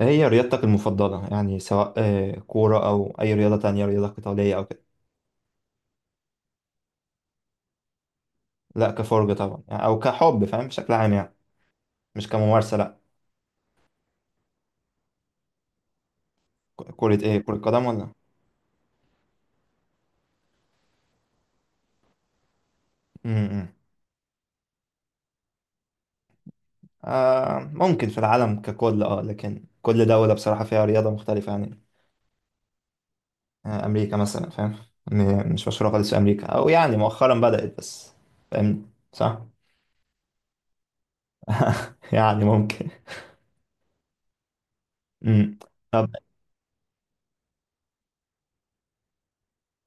هي رياضتك المفضلة يعني سواء كورة أو أي رياضة تانية رياضة قتالية أو كده. لا كفرجة طبعا يعني أو كحب فاهم بشكل عام يعني. مش كممارسة لا. كرة إيه كرة قدم ولا؟ امم ممكن في العالم ككل لكن كل دولة بصراحة فيها رياضة مختلفة يعني. أمريكا مثلا فاهم. مش مشهورة خالص في أمريكا أو يعني مؤخرا بدأت بس. فاهم صح. يعني ممكن. امم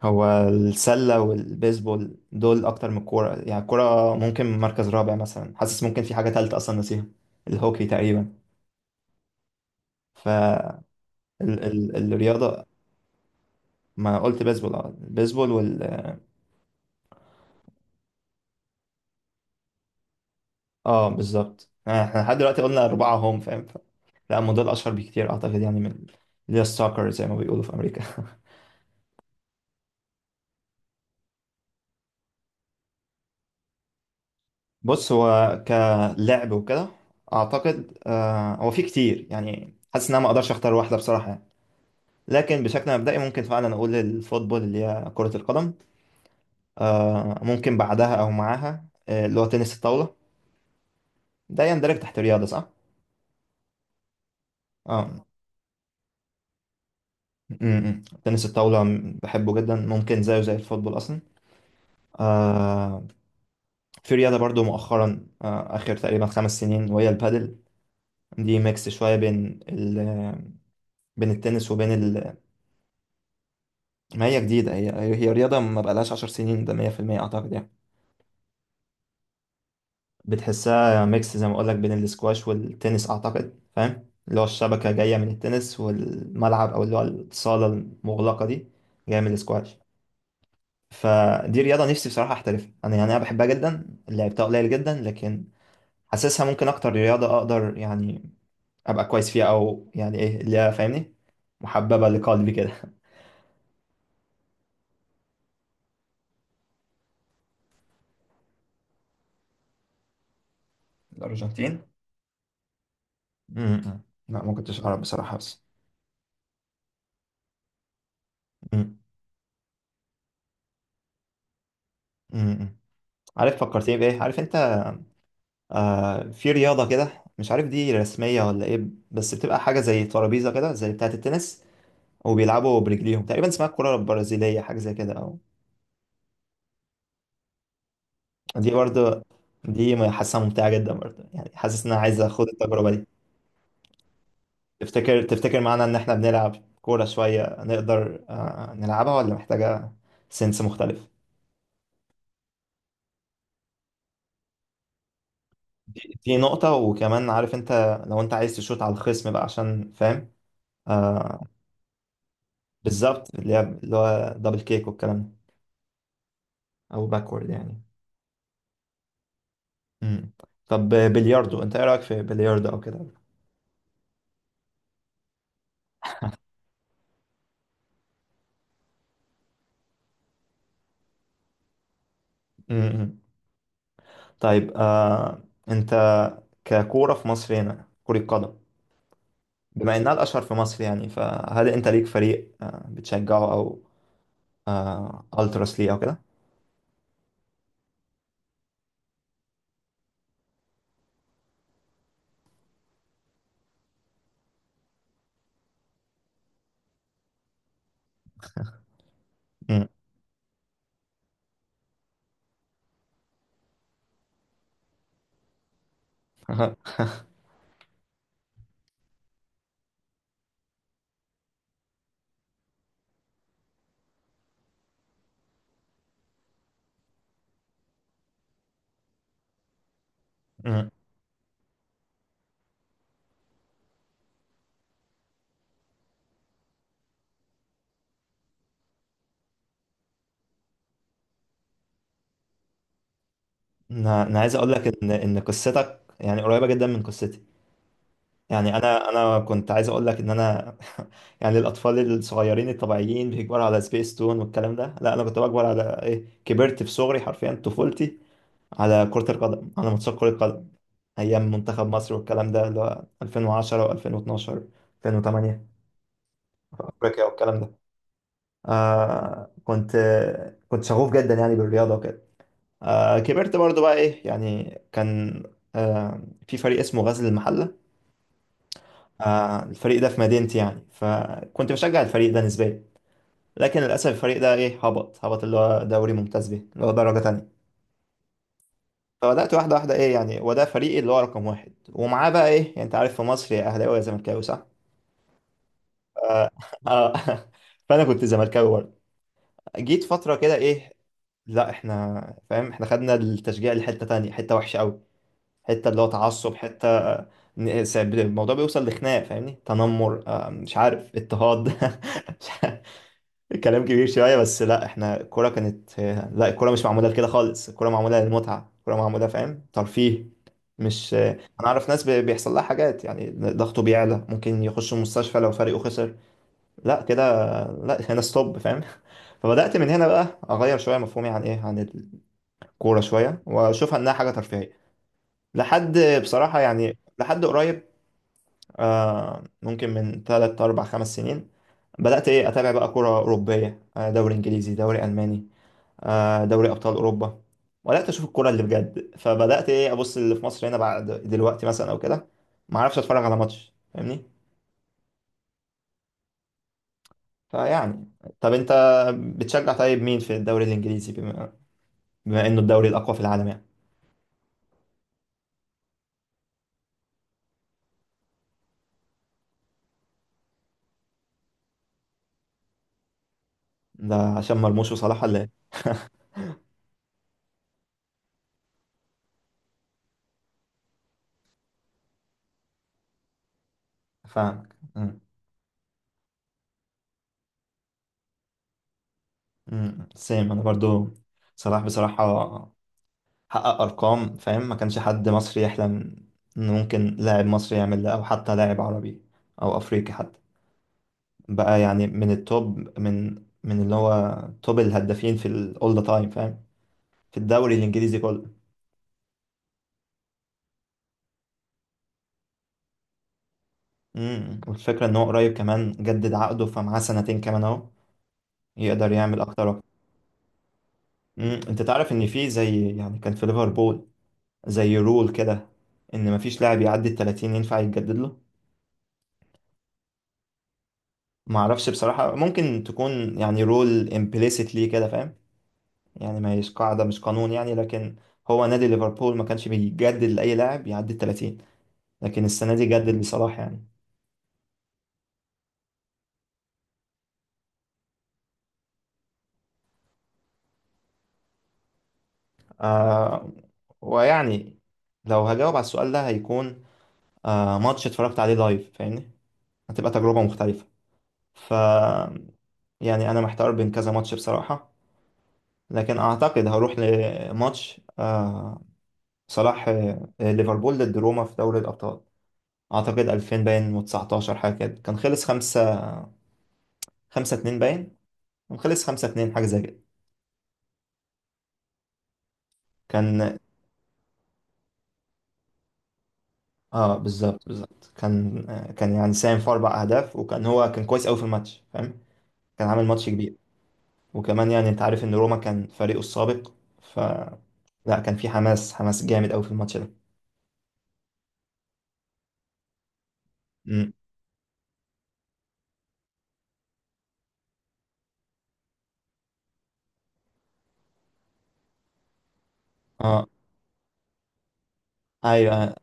هو السلة والبيسبول دول أكتر من الكورة يعني الكورة ممكن مركز رابع مثلا حاسس ممكن في حاجة تالتة أصلا نسيها. الهوكي تقريبا. فالرياضة ما قلت بيسبول البيسبول وال... اه بالظبط يعني احنا لحد دلوقتي قلنا أربعة هم فاهم لا هم دول أشهر بكتير أعتقد يعني من اللي هي الساكر زي ما بيقولوا في أمريكا بص هو كلعب وكده. أعتقد هو في كتير يعني حاسس إن أنا ما أقدرش أختار واحدة بصراحة. لكن بشكل مبدئي ممكن فعلا اقول الفوتبول اللي هي كرة القدم. ممكن بعدها او معاها اللي هو تنس الطاولة. ده يندرج تحت رياضة صح؟ اه. تنس الطاولة بحبه جدا ممكن زيه زي الفوتبول اصلا. آه في رياضة برضو مؤخرا اخر تقريبا 5 سنين وهي البادل. دي ميكس شوية بين التنس وبين ال... ما هي جديدة هي. هي رياضة ما بقالهاش 10 سنين ده 100% اعتقد يعني. بتحسها ميكس زي ما اقولك بين الاسكواش والتنس اعتقد فاهم اللي هو الشبكة جاية من التنس والملعب او اللي هو الصالة المغلقة دي جاية من الاسكواش. فدي رياضة نفسي بصراحة احترفها انا يعني انا بحبها جدا لعبتها قليل جدا لكن... حاسسها ممكن اكتر رياضة اقدر يعني ابقى كويس فيها او يعني ايه اللي هي فاهمني محببة لقلبي كده الارجنتين. م- م. لا ما كنتش اعرف بصراحة بس... م- م- م. عارف فكرتني بايه عارف انت. في رياضة كده مش عارف دي رسمية ولا ايه. بس بتبقى حاجة زي ترابيزة كده زي بتاعة التنس وبيلعبوا برجليهم تقريبا اسمها الكرة البرازيلية حاجة زي كده او... دي برضه. دي حاسسها ممتعة جدا برضه يعني حاسس ان انا عايز اخد التجربة دي. تفتكر معانا ان احنا بنلعب كورة شوية نقدر نلعبها ولا محتاجة سنس مختلف؟ دي نقطة وكمان عارف انت. لو انت عايز تشوط على الخصم بقى عشان فاهم آه بالظبط اللي هي اللي هو دبل كيك والكلام ده او باكورد يعني. مم. طب بلياردو انت ايه رايك في بلياردو او كده؟ مم. طيب انت ككوره في مصر هنا كره قدم. بما انها الاشهر في مصر يعني فهل انت ليك فريق بتشجعه او التراس ليه او كده؟ مم. مم. انا عايز اقول لك ان قصتك يعني قريبه جدا من قصتي. يعني انا كنت عايز اقول لك ان انا يعني الاطفال الصغيرين الطبيعيين بيكبروا على سبيس تون والكلام ده لا انا كنت بكبر على ايه كبرت في صغري حرفيا طفولتي على كرة القدم على ماتشات كرة قدم. أيام منتخب مصر والكلام ده اللي هو 2010 و2012 2008 في أفريقيا والكلام ده. آه كنت كنت شغوف جدا يعني بالرياضة وكده. كبرت برضو بقى إيه يعني كان آه في فريق اسمه غزل المحلة. الفريق ده في مدينتي يعني فكنت بشجع الفريق ده نسبيا. لكن للأسف الفريق ده إيه هبط اللي هو دوري ممتاز به اللي هو درجة تانية. فبدأت واحدة واحدة ايه يعني وده فريقي اللي هو رقم واحد ومعاه بقى ايه يعني انت عارف في مصر يا اهلاوي يا زملكاوي صح؟ اه فانا كنت زملكاوي برضه. جيت فترة كده ايه. لا احنا فاهم احنا خدنا التشجيع لحتة تانية حتة وحشة قوي حتة اللي هو تعصب حتة الموضوع بيوصل لخناق فاهمني تنمر مش عارف اضطهاد مش عارف. كلام كبير شوية بس لا احنا الكورة كانت... لا الكورة مش معمولة لكده خالص الكورة معمولة للمتعة الكورة معمولة فاهم ترفيه. مش انا اعرف ناس بيحصل لها حاجات يعني ضغطه بيعلى ممكن يخش المستشفى لو فريقه خسر. لا كده. لا هنا ستوب فاهم فبدأت من هنا بقى اغير شوية مفهومي عن ايه عن الكورة شوية واشوفها انها حاجة ترفيهية. لحد بصراحة يعني لحد قريب ممكن من 3 4 5 سنين. بدأت ايه اتابع بقى كورة أوروبية دوري انجليزي دوري ألماني دوري ابطال اوروبا. وبدات اشوف الكوره اللي بجد فبدات ايه ابص اللي في مصر هنا بعد دلوقتي مثلا او كده. ما اعرفش اتفرج على ماتش فاهمني. فيعني طب انت بتشجع طيب مين في الدوري الانجليزي بما انه الدوري الاقوى في العالم يعني؟ ده عشان مرموش وصلاح ولا ايه؟ فاهمك سيم انا برضو. صلاح بصراحه حقق ارقام فاهم ما كانش حد مصري يحلم ان ممكن لاعب مصري يعمل ده او حتى لاعب عربي او افريقي حتى. بقى يعني من التوب من اللي هو توب الهدافين في الاول ذا تايم فاهم في الدوري الانجليزي كله. والفكره ان هو قريب كمان جدد عقده فمعاه سنتين كمان اهو يقدر يعمل اكتر اكتر. انت تعرف ان في زي يعني كان في ليفربول زي رول كده ان مفيش لاعب يعدي ال 30 ينفع يتجدد له. ما اعرفش بصراحه ممكن تكون يعني رول امبليسيتلي كده فاهم يعني ما هيش قاعده مش قانون يعني لكن... هو نادي ليفربول ما كانش بيجدد لاي لاعب يعدي ال 30 لكن السنة دي جدد بصراحة يعني. آه ويعني لو هجاوب على السؤال ده هيكون ماتش اتفرجت عليه لايف فاهمني هتبقى تجربة مختلفة. ف يعني أنا محتار بين كذا ماتش بصراحة. لكن أعتقد هروح لماتش صلاح ليفربول ضد روما في دوري الأبطال. أعتقد 2000 باين و19 حاجة كده كان خلص خمسة اتنين باين. كان خلص 5-2 حاجة زي كده. كان اه بالظبط بالظبط كان كان يعني ساهم في 4 اهداف وكان هو كان كويس قوي في الماتش فاهم. كان عامل ماتش كبير. وكمان يعني انت عارف ان روما كان فريقه السابق ف لا كان في حماس حماس جامد قوي في الماتش ده. امم اه ايوه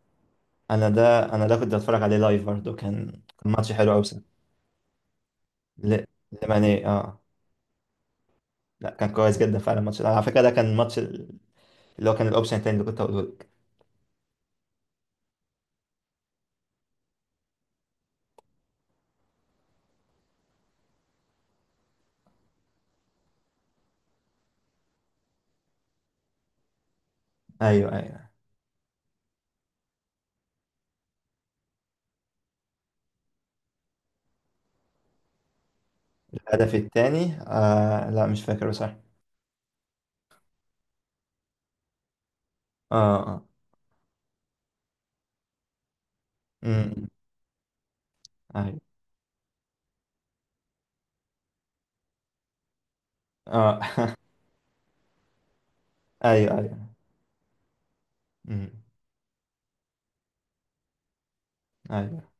انا ده كنت بتفرج عليه لايف برضه كان ماتش حلو قوي بصراحه. ل- لماني اه. لا كان كويس جدا فعلا الماتش ده على فكره ده كان الماتش اللي هو كان الاوبشن التاني اللي كنت هقوله لك. ايوه ايوه. الهدف التاني لا مش فاكر بصراحه. اه اه. امم ايوه اه ايوه ايوه أمم، ايوه.